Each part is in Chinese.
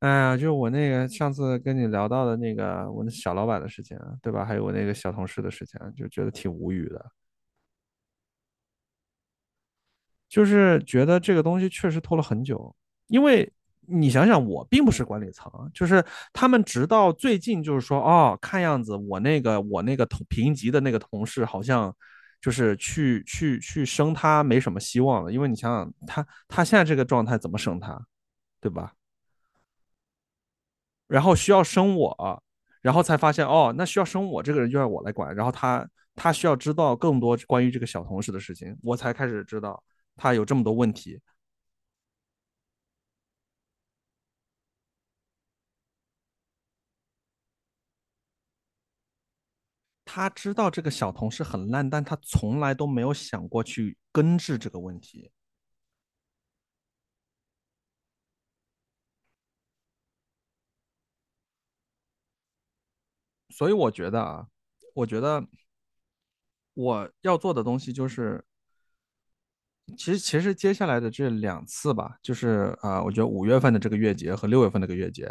哎呀，就是我那个上次跟你聊到的那个我那小老板的事情啊，对吧？还有我那个小同事的事情啊，就觉得挺无语的。就是觉得这个东西确实拖了很久。因为你想想，我并不是管理层啊。就是他们直到最近就是说，哦，看样子我那个同评级的那个同事好像就是去升他没什么希望了，因为你想想他现在这个状态怎么升他，对吧？然后需要生我，然后才发现，哦，那需要生我这个人就要我来管。然后他需要知道更多关于这个小同事的事情，我才开始知道他有这么多问题。他知道这个小同事很烂，但他从来都没有想过去根治这个问题。所以我觉得啊，我觉得我要做的东西就是其实接下来的这两次吧，就是啊、我觉得5月份的这个月结和6月份的这个月结，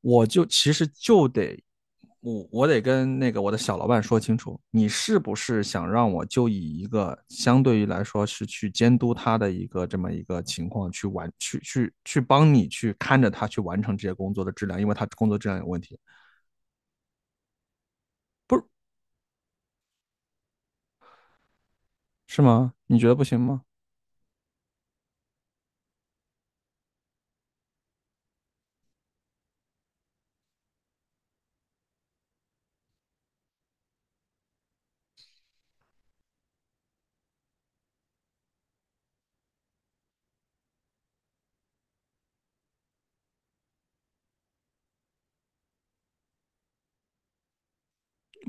我就其实就得我得跟那个我的小老板说清楚，你是不是想让我就以一个相对于来说是去监督他的一个这么一个情况，去完去帮你去看着他去完成这些工作的质量，因为他工作质量有问题。不是。是吗？你觉得不行吗？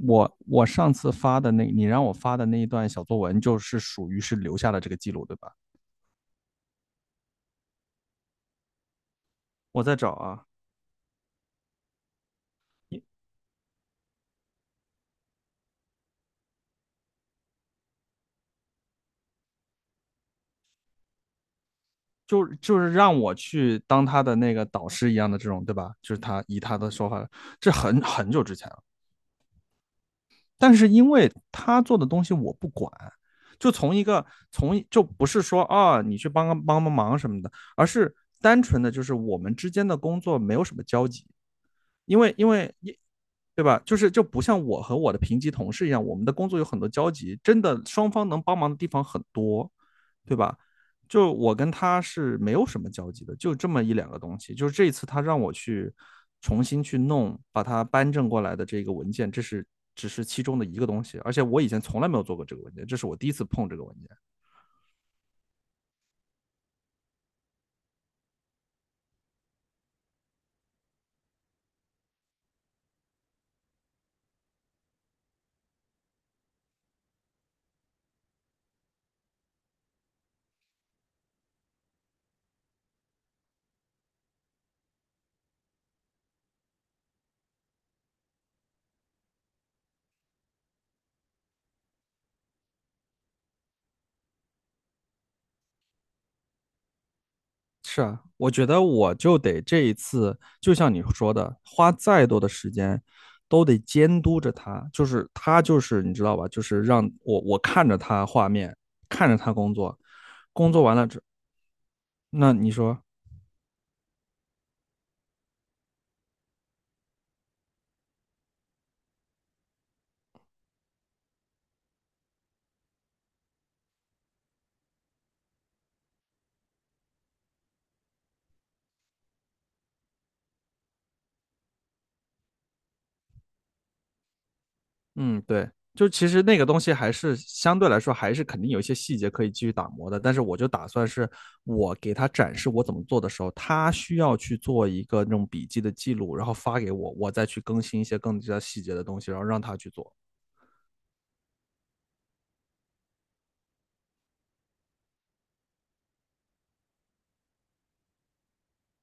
我上次发的那，你让我发的那一段小作文，就是属于是留下了这个记录，对吧？我在找啊。就是让我去当他的那个导师一样的这种，对吧？就是他以他的说法，这很久之前了。但是因为他做的东西我不管，就从一个从就不是说啊你去帮忙什么的，而是单纯的就是我们之间的工作没有什么交集，因为你，对吧？就是不像我和我的平级同事一样，我们的工作有很多交集，真的双方能帮忙的地方很多，对吧？就我跟他是没有什么交集的，就这么一两个东西。就是这一次他让我去重新去弄，把它搬正过来的这个文件，这是只是其中的一个东西，而且我以前从来没有做过这个文件，这是我第一次碰这个文件。是啊，我觉得我就得这一次，就像你说的，花再多的时间都得监督着他。就是他，就是你知道吧？就是让我看着他画面，看着他工作，工作完了之，那你说。嗯，对，就其实那个东西还是相对来说还是肯定有一些细节可以继续打磨的。但是我就打算是我给他展示我怎么做的时候，他需要去做一个那种笔记的记录，然后发给我，我再去更新一些更加细节的东西，然后让他去做。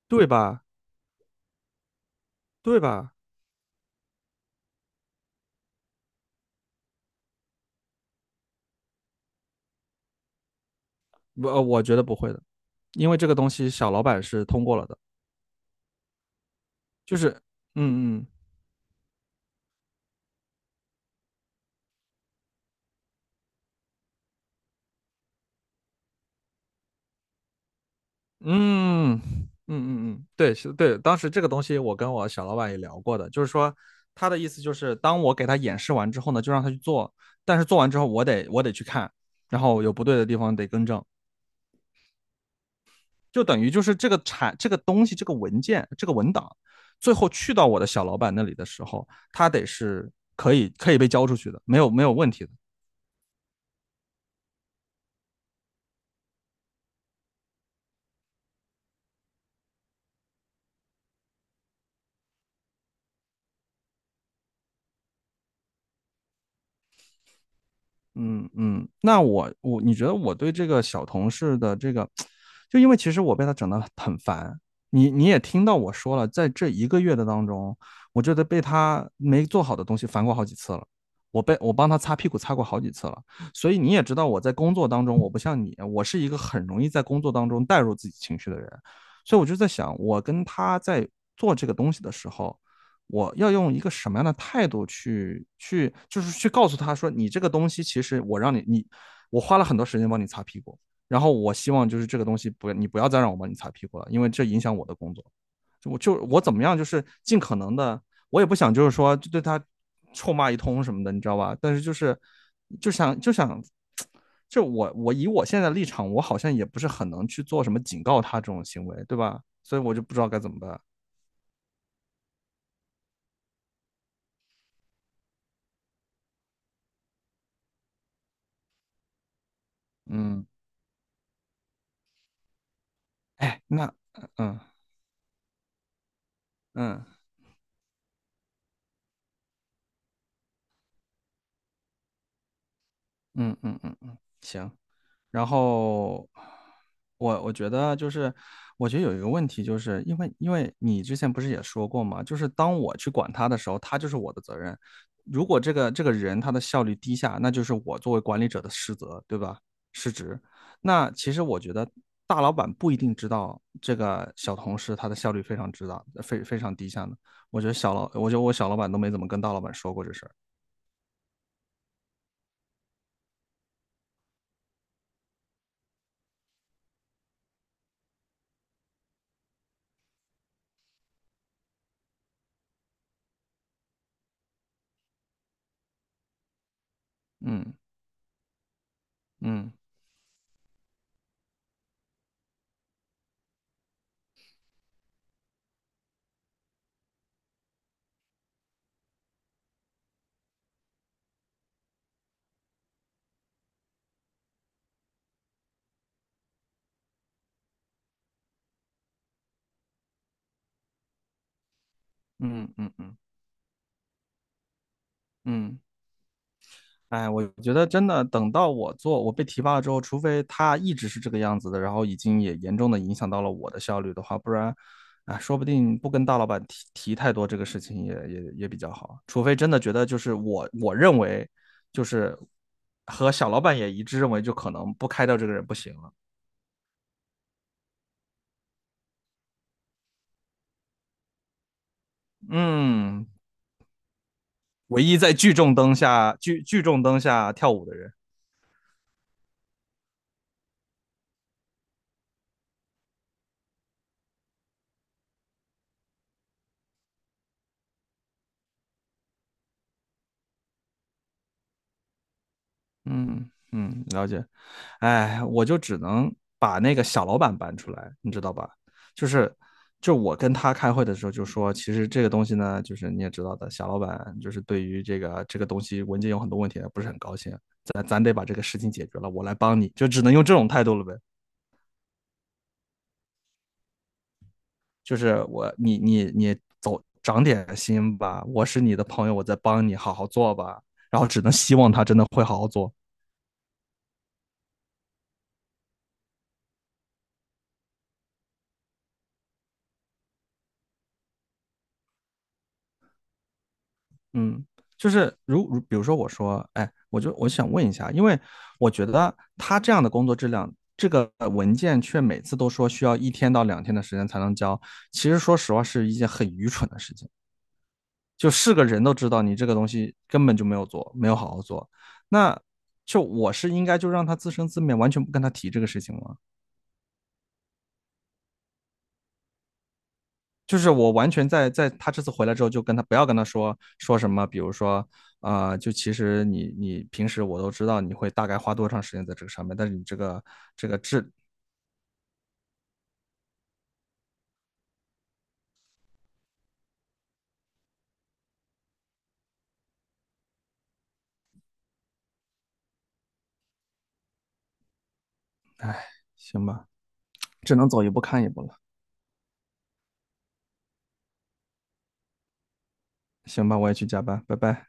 对吧？对吧？我觉得不会的，因为这个东西小老板是通过了的，就是嗯嗯嗯嗯嗯嗯，对是，对，当时这个东西我跟我小老板也聊过的，就是说他的意思就是，当我给他演示完之后呢，就让他去做，但是做完之后我得去看，然后有不对的地方得更正，就等于就是这个产这个东西这个文件这个文档，最后去到我的小老板那里的时候，他得是可以被交出去的，没有问题的。嗯嗯。那你觉得我对这个小同事的这个，就因为其实我被他整得很烦。你也听到我说了，在这一个月的当中，我觉得被他没做好的东西烦过好几次了。我被我帮他擦屁股擦过好几次了。所以你也知道我在工作当中，我不像你，我是一个很容易在工作当中带入自己情绪的人。所以我就在想，我跟他在做这个东西的时候，我要用一个什么样的态度去，就是去告诉他说，你这个东西其实我让你你我花了很多时间帮你擦屁股。然后我希望就是这个东西不你不要再让我帮你擦屁股了，因为这影响我的工作。就我怎么样，就是尽可能的。我也不想就是说就对他臭骂一通什么的，你知道吧？但是就是就想，就我以我现在的立场，我好像也不是很能去做什么警告他这种行为，对吧？所以我就不知道该怎么办。嗯。哎，那嗯。嗯嗯嗯嗯，行。然后我觉得就是，我觉得有一个问题，就是因为你之前不是也说过嘛，就是当我去管他的时候，他就是我的责任。如果这个人他的效率低下，那就是我作为管理者的失责，对吧？失职。那其实我觉得大老板不一定知道这个小同事他的效率非常之大，非常低下呢。我觉得小老，我觉得我小老板都没怎么跟大老板说过这事儿。嗯嗯嗯嗯嗯嗯。嗯。哎，我觉得真的，等到我做，我被提拔了之后，除非他一直是这个样子的，然后已经也严重的影响到了我的效率的话，不然，啊，说不定不跟大老板提太多这个事情也比较好。除非真的觉得就是我认为，就是和小老板也一致认为，就可能不开掉这个人不行了。嗯。唯一在聚众灯下跳舞的人。嗯嗯，了解。哎，我就只能把那个小老板搬出来，你知道吧？就是就我跟他开会的时候就说，其实这个东西呢，就是你也知道的，小老板就是对于这个东西文件有很多问题，不是很高兴。咱得把这个事情解决了，我来帮你，就只能用这种态度了呗。就是我，你走，长点心吧，我是你的朋友，我在帮你，好好做吧。然后只能希望他真的会好好做。嗯。就是，比如说我说，哎，我想问一下，因为我觉得他这样的工作质量，这个文件却每次都说需要一天到两天的时间才能交，其实说实话是一件很愚蠢的事情，就是个人都知道你这个东西根本就没有做，没有好好做。那就我是应该就让他自生自灭，完全不跟他提这个事情吗？就是我完全在他这次回来之后，就跟他不要跟他说说什么。比如说，啊，就其实你平时我都知道你会大概花多长时间在这个上面，但是你这个质，哎，行吧，只能走一步看一步了。行吧，我也去加班，拜拜。